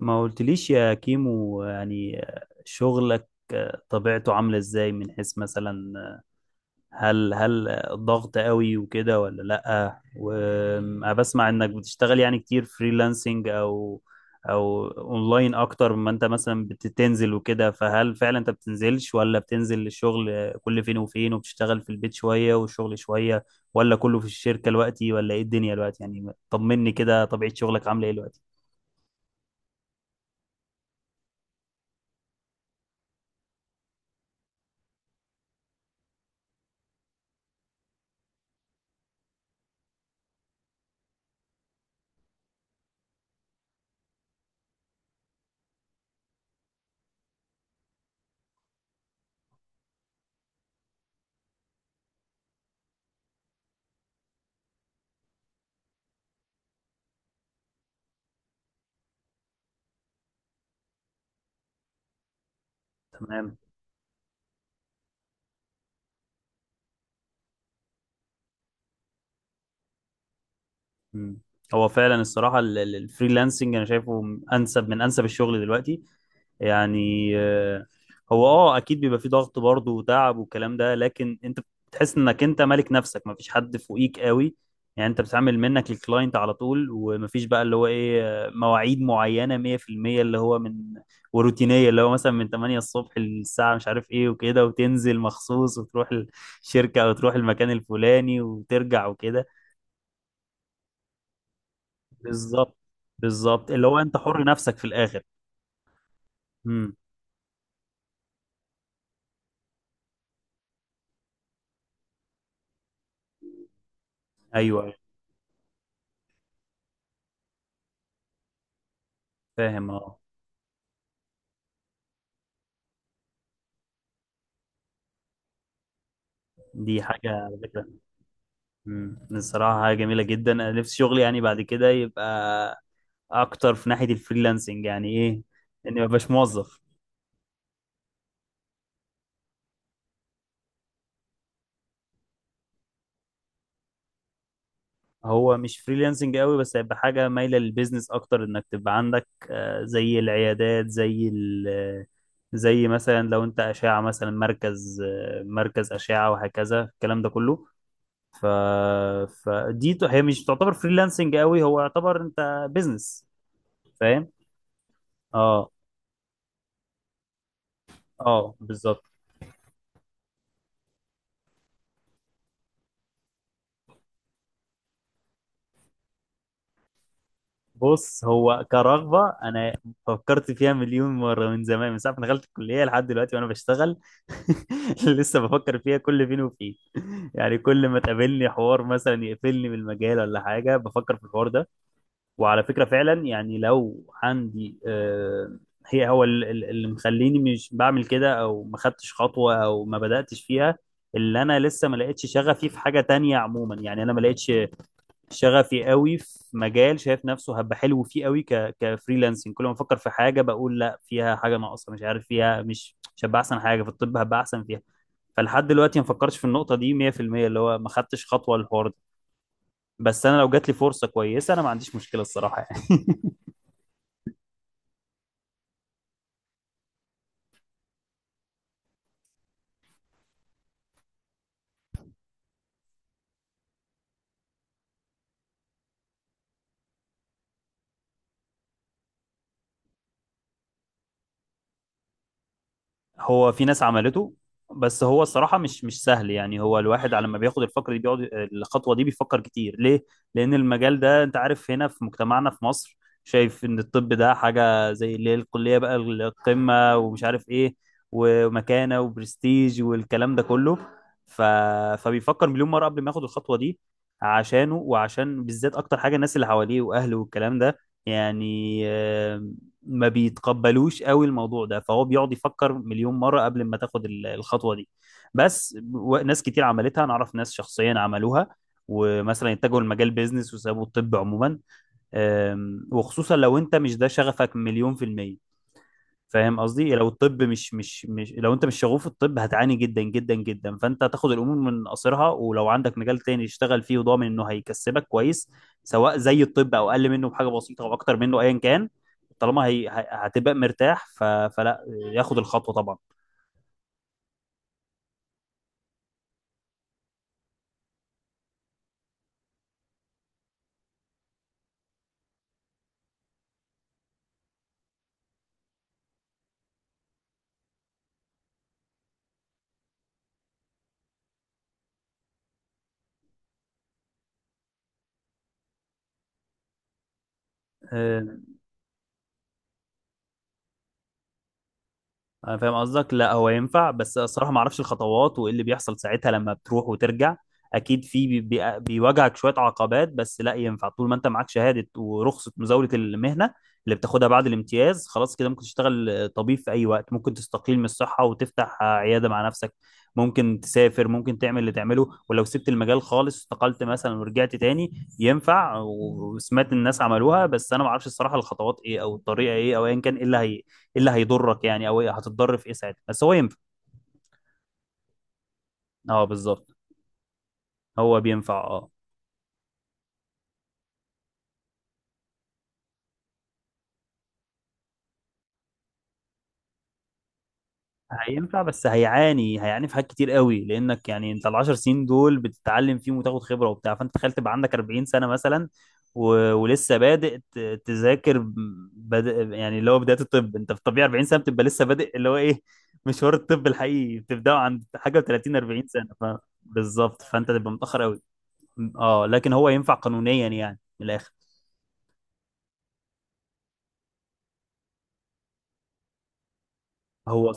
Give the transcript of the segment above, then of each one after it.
ما قلتليش يا كيمو، يعني شغلك طبيعته عاملة ازاي؟ من حيث مثلا هل ضغط قوي وكده ولا لأ؟ وبسمع انك بتشتغل يعني كتير فريلانسنج او اونلاين اكتر ما انت مثلا بتنزل وكده، فهل فعلا انت بتنزلش ولا بتنزل للشغل كل فين وفين وبتشتغل في البيت شوية والشغل شوية ولا كله في الشركة دلوقتي؟ ولا ايه الدنيا دلوقتي؟ يعني طمني كده، طبيعة شغلك عاملة ايه دلوقتي؟ تمام. مم. هو فعلا الصراحة الفريلانسنج أنا شايفه أنسب من أنسب الشغل دلوقتي يعني. هو أكيد بيبقى فيه ضغط برضه وتعب والكلام ده، لكن أنت بتحس إنك أنت مالك نفسك، مفيش حد فوقيك قوي. يعني أنت بتتعامل منك للكلاينت على طول، ومفيش بقى اللي هو إيه مواعيد معينة 100% اللي هو من وروتينية، اللي هو مثلا من 8 الصبح للساعة مش عارف إيه وكده، وتنزل مخصوص وتروح الشركة أو تروح المكان الفلاني وترجع وكده. بالظبط. بالظبط، اللي هو انت حر نفسك في الاخر. امم. ايوه، أيوة. فاهم، اه. دي حاجه على فكره. الصراحه حاجه جميله جدا، انا نفسي شغلي يعني بعد كده يبقى اكتر في ناحيه الفريلانسنج، يعني ايه؟ اني ما بقاش موظف. هو مش فريلانسنج قوي، بس هيبقى حاجه مايله للبيزنس اكتر، انك تبقى عندك زي العيادات، زي ال زي مثلا لو انت اشعه مثلا مركز مركز اشعه وهكذا الكلام ده كله. ف... فدي هي مش تعتبر فريلانسنج قوي، هو يعتبر انت بيزنس. فاهم. اه، اه بالظبط. بص هو كرغبة أنا فكرت فيها مليون مرة، من زمان من ساعة ما دخلت الكلية لحد دلوقتي وأنا بشتغل لسه بفكر فيها كل فين وفين. يعني كل ما تقابلني حوار مثلا يقفلني من المجال ولا حاجة بفكر في الحوار ده. وعلى فكرة فعلا يعني لو عندي هو اللي مخليني مش بعمل كده او ما خدتش خطوة او ما بدأتش فيها، اللي انا لسه ما لقيتش شغفي في حاجة تانية عموما، يعني انا ما لقيتش شغفي قوي في مجال شايف نفسه هبقى حلو فيه قوي ك كفريلانسنج. كل ما افكر في حاجة بقول لا فيها حاجة ناقصة، مش عارف فيها مش هبقى احسن حاجة في الطب، هبقى احسن فيها. فلحد دلوقتي ما فكرتش في النقطة دي 100%، اللي هو ما خدتش خطوة للحوار ده، بس انا لو جات لي فرصة كويسة انا ما عنديش مشكلة الصراحة يعني. هو في ناس عملته، بس هو الصراحة مش سهل يعني. هو الواحد على ما بياخد الفكرة دي بيقعد الخطوة دي بيفكر كتير، ليه؟ لأن المجال ده أنت عارف هنا في مجتمعنا في مصر شايف إن الطب ده حاجة زي اللي هي الكلية بقى القمة، ومش عارف إيه ومكانة وبرستيج والكلام ده كله. ف... فبيفكر مليون مرة قبل ما ياخد الخطوة دي، عشانه وعشان بالذات أكتر حاجة الناس اللي حواليه وأهله والكلام ده. يعني ما بيتقبلوش قوي الموضوع ده، فهو بيقعد يفكر مليون مرة قبل ما تاخد الخطوة دي. بس ناس كتير عملتها، انا اعرف ناس شخصيا عملوها ومثلا اتجهوا لمجال بيزنس وسابوا الطب عموما. وخصوصا لو انت مش ده شغفك مليون في المية. فاهم قصدي؟ لو الطب مش مش مش لو انت مش شغوف في الطب هتعاني جدا جدا جدا، فانت تاخد الامور من قصرها، ولو عندك مجال تاني تشتغل فيه وضامن انه هيكسبك كويس سواء زي الطب او اقل منه بحاجه بسيطه او اكتر منه ايا كان، طالما هتبقى مرتاح فلا ياخد الخطوه طبعا. انا فاهم قصدك، لا هو ينفع، بس الصراحه ما اعرفش الخطوات وايه اللي بيحصل ساعتها لما بتروح وترجع. اكيد في بي بي بيواجهك شويه عقبات، بس لا ينفع. طول ما انت معاك شهاده ورخصه مزاوله المهنه اللي بتاخدها بعد الامتياز، خلاص كده ممكن تشتغل طبيب في اي وقت. ممكن تستقيل من الصحه وتفتح عياده مع نفسك، ممكن تسافر، ممكن تعمل اللي تعمله. ولو سبت المجال خالص استقلت مثلا ورجعت تاني ينفع، وسمعت الناس عملوها، بس انا ما اعرفش الصراحه الخطوات ايه او الطريقه ايه او ايا كان ايه اللي هي ايه اللي هيضرك يعني، او إيه هتتضر في ايه ساعتها، بس هو ينفع. اه بالظبط. هو بينفع، اه. هينفع بس هيعاني، هيعاني في حاجات كتير قوي، لانك يعني انت العشر سنين دول بتتعلم فيهم وتاخد خبره وبتاع، فانت تخيل تبقى عندك 40 سنه مثلا و... ولسه بادئ تذاكر. بد... يعني اللي هو بدايه الطب انت في الطبيعي 40 سنه بتبقى لسه بادئ، اللي هو ايه مشوار الطب الحقيقي بتبداه عند حاجه و30 40 سنه، بالظبط فانت تبقى متاخر قوي، اه لكن هو ينفع قانونيا يعني من الاخر. هو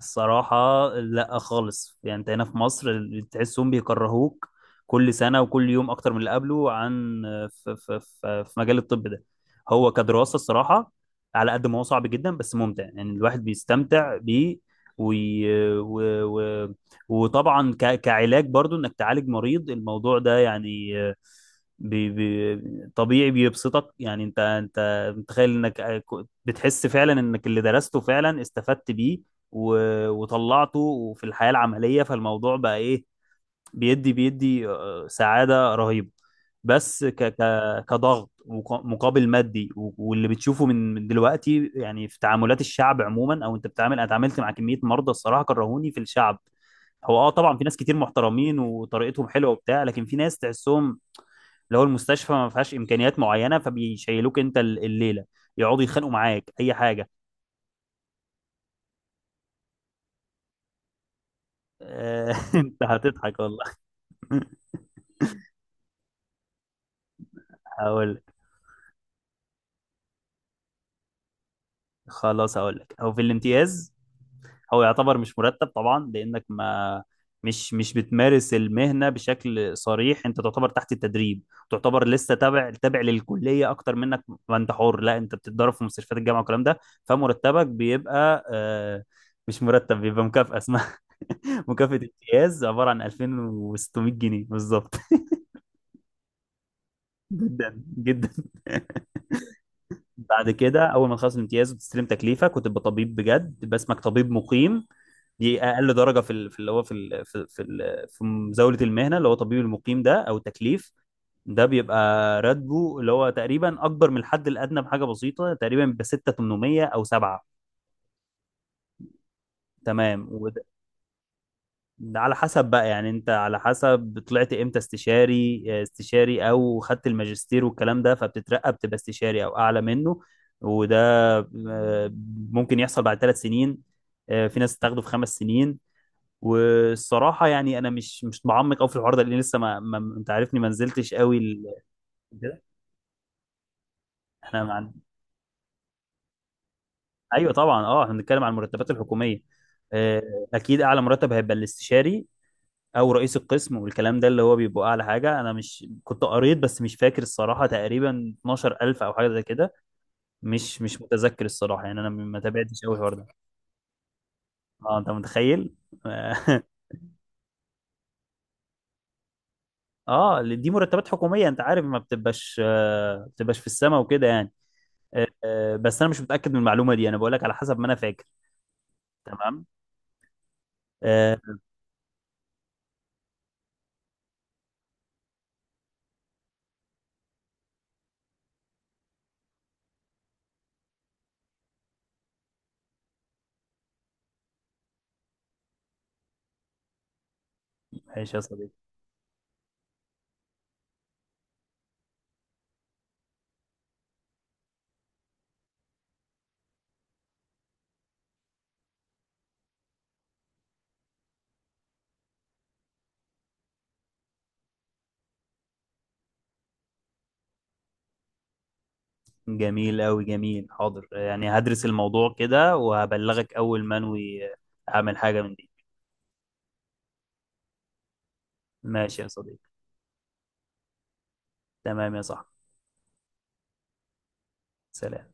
الصراحة لا خالص، يعني انت هنا في مصر تحسهم بيكرهوك كل سنة وكل يوم أكتر من اللي قبله، عن في مجال الطب ده. هو كدراسة الصراحة على قد ما هو صعب جدا بس ممتع، يعني الواحد بيستمتع بيه وي... و... و... وطبعا كعلاج برضو انك تعالج مريض، الموضوع ده يعني بي... بي... طبيعي بيبسطك. يعني انت انت متخيل انك بتحس فعلا انك اللي درسته فعلا استفدت بيه وطلعته في الحياة العملية، فالموضوع بقى ايه بيدي سعادة رهيبة. بس ك ك كضغط مقابل مادي واللي بتشوفه من دلوقتي، يعني في تعاملات الشعب عموما او انت بتعامل. انا اتعاملت مع كمية مرضى الصراحة كرهوني في الشعب. هو اه طبعا في ناس كتير محترمين وطريقتهم حلوه وبتاع، لكن في ناس تحسهم اللي هو المستشفى ما فيهاش امكانيات معينه فبيشيلوك انت الليله، يقعدوا يتخانقوا معاك اي حاجه. انت هتضحك والله هقول خلاص هقول لك. هو في الامتياز هو يعتبر مش مرتب طبعا، لانك ما مش مش بتمارس المهنه بشكل صريح، انت تعتبر تحت التدريب، تعتبر لسه تابع للكليه اكتر منك. ما انت حر، لا انت بتتدرب في مستشفيات الجامعه والكلام ده. فمرتبك بيبقى مش مرتب، بيبقى مكافاه اسمها مكافاه امتياز عباره عن 2600 جنيه بالظبط جدا جدا. بعد كده اول ما تخلص الامتياز وتستلم تكليفك وتبقى طبيب بجد باسمك، طبيب مقيم. دي اقل درجه في ال- في اللي هو في ال- في في ال- في مزاوله المهنه، اللي هو طبيب المقيم ده او تكليف. ده بيبقى راتبه اللي هو تقريبا اكبر من الحد الادنى بحاجه بسيطه، تقريبا ب 6800 او 7. تمام وده، ده على حسب بقى، يعني انت على حسب طلعت امتى استشاري، استشاري او خدت الماجستير والكلام ده، فبتترقى بتبقى استشاري او اعلى منه. وده آه، ممكن يحصل بعد 3 سنين، في ناس تاخده في 5 سنين. والصراحه يعني انا مش بعمق قوي في الحوار ده، لان لسه ما انت عارفني ما نزلتش قوي كده؟ احنا مع... ايوه طبعا، اه احنا بنتكلم عن المرتبات الحكوميه. اكيد اعلى مرتب هيبقى الاستشاري او رئيس القسم، والكلام ده اللي هو بيبقى اعلى حاجه. انا مش كنت قريت بس مش فاكر الصراحه، تقريبا 12000 او حاجه زي كده. مش متذكر الصراحه، يعني انا ما تابعتش قوي الحوار ده. اه انت متخيل. اه دي مرتبات حكوميه، انت عارف ما بتبقاش ما بتبقاش في السماء وكده يعني. بس انا مش متاكد من المعلومه دي، انا بقول لك على حسب ما انا فاكر. تمام. آه، ماشي يا صديقي. جميل قوي جميل. حاضر، يعني هدرس الموضوع كده وهبلغك اول ما انوي، اعمل حاجه من دي. ماشي يا صديقي. تمام يا صاحبي. سلام.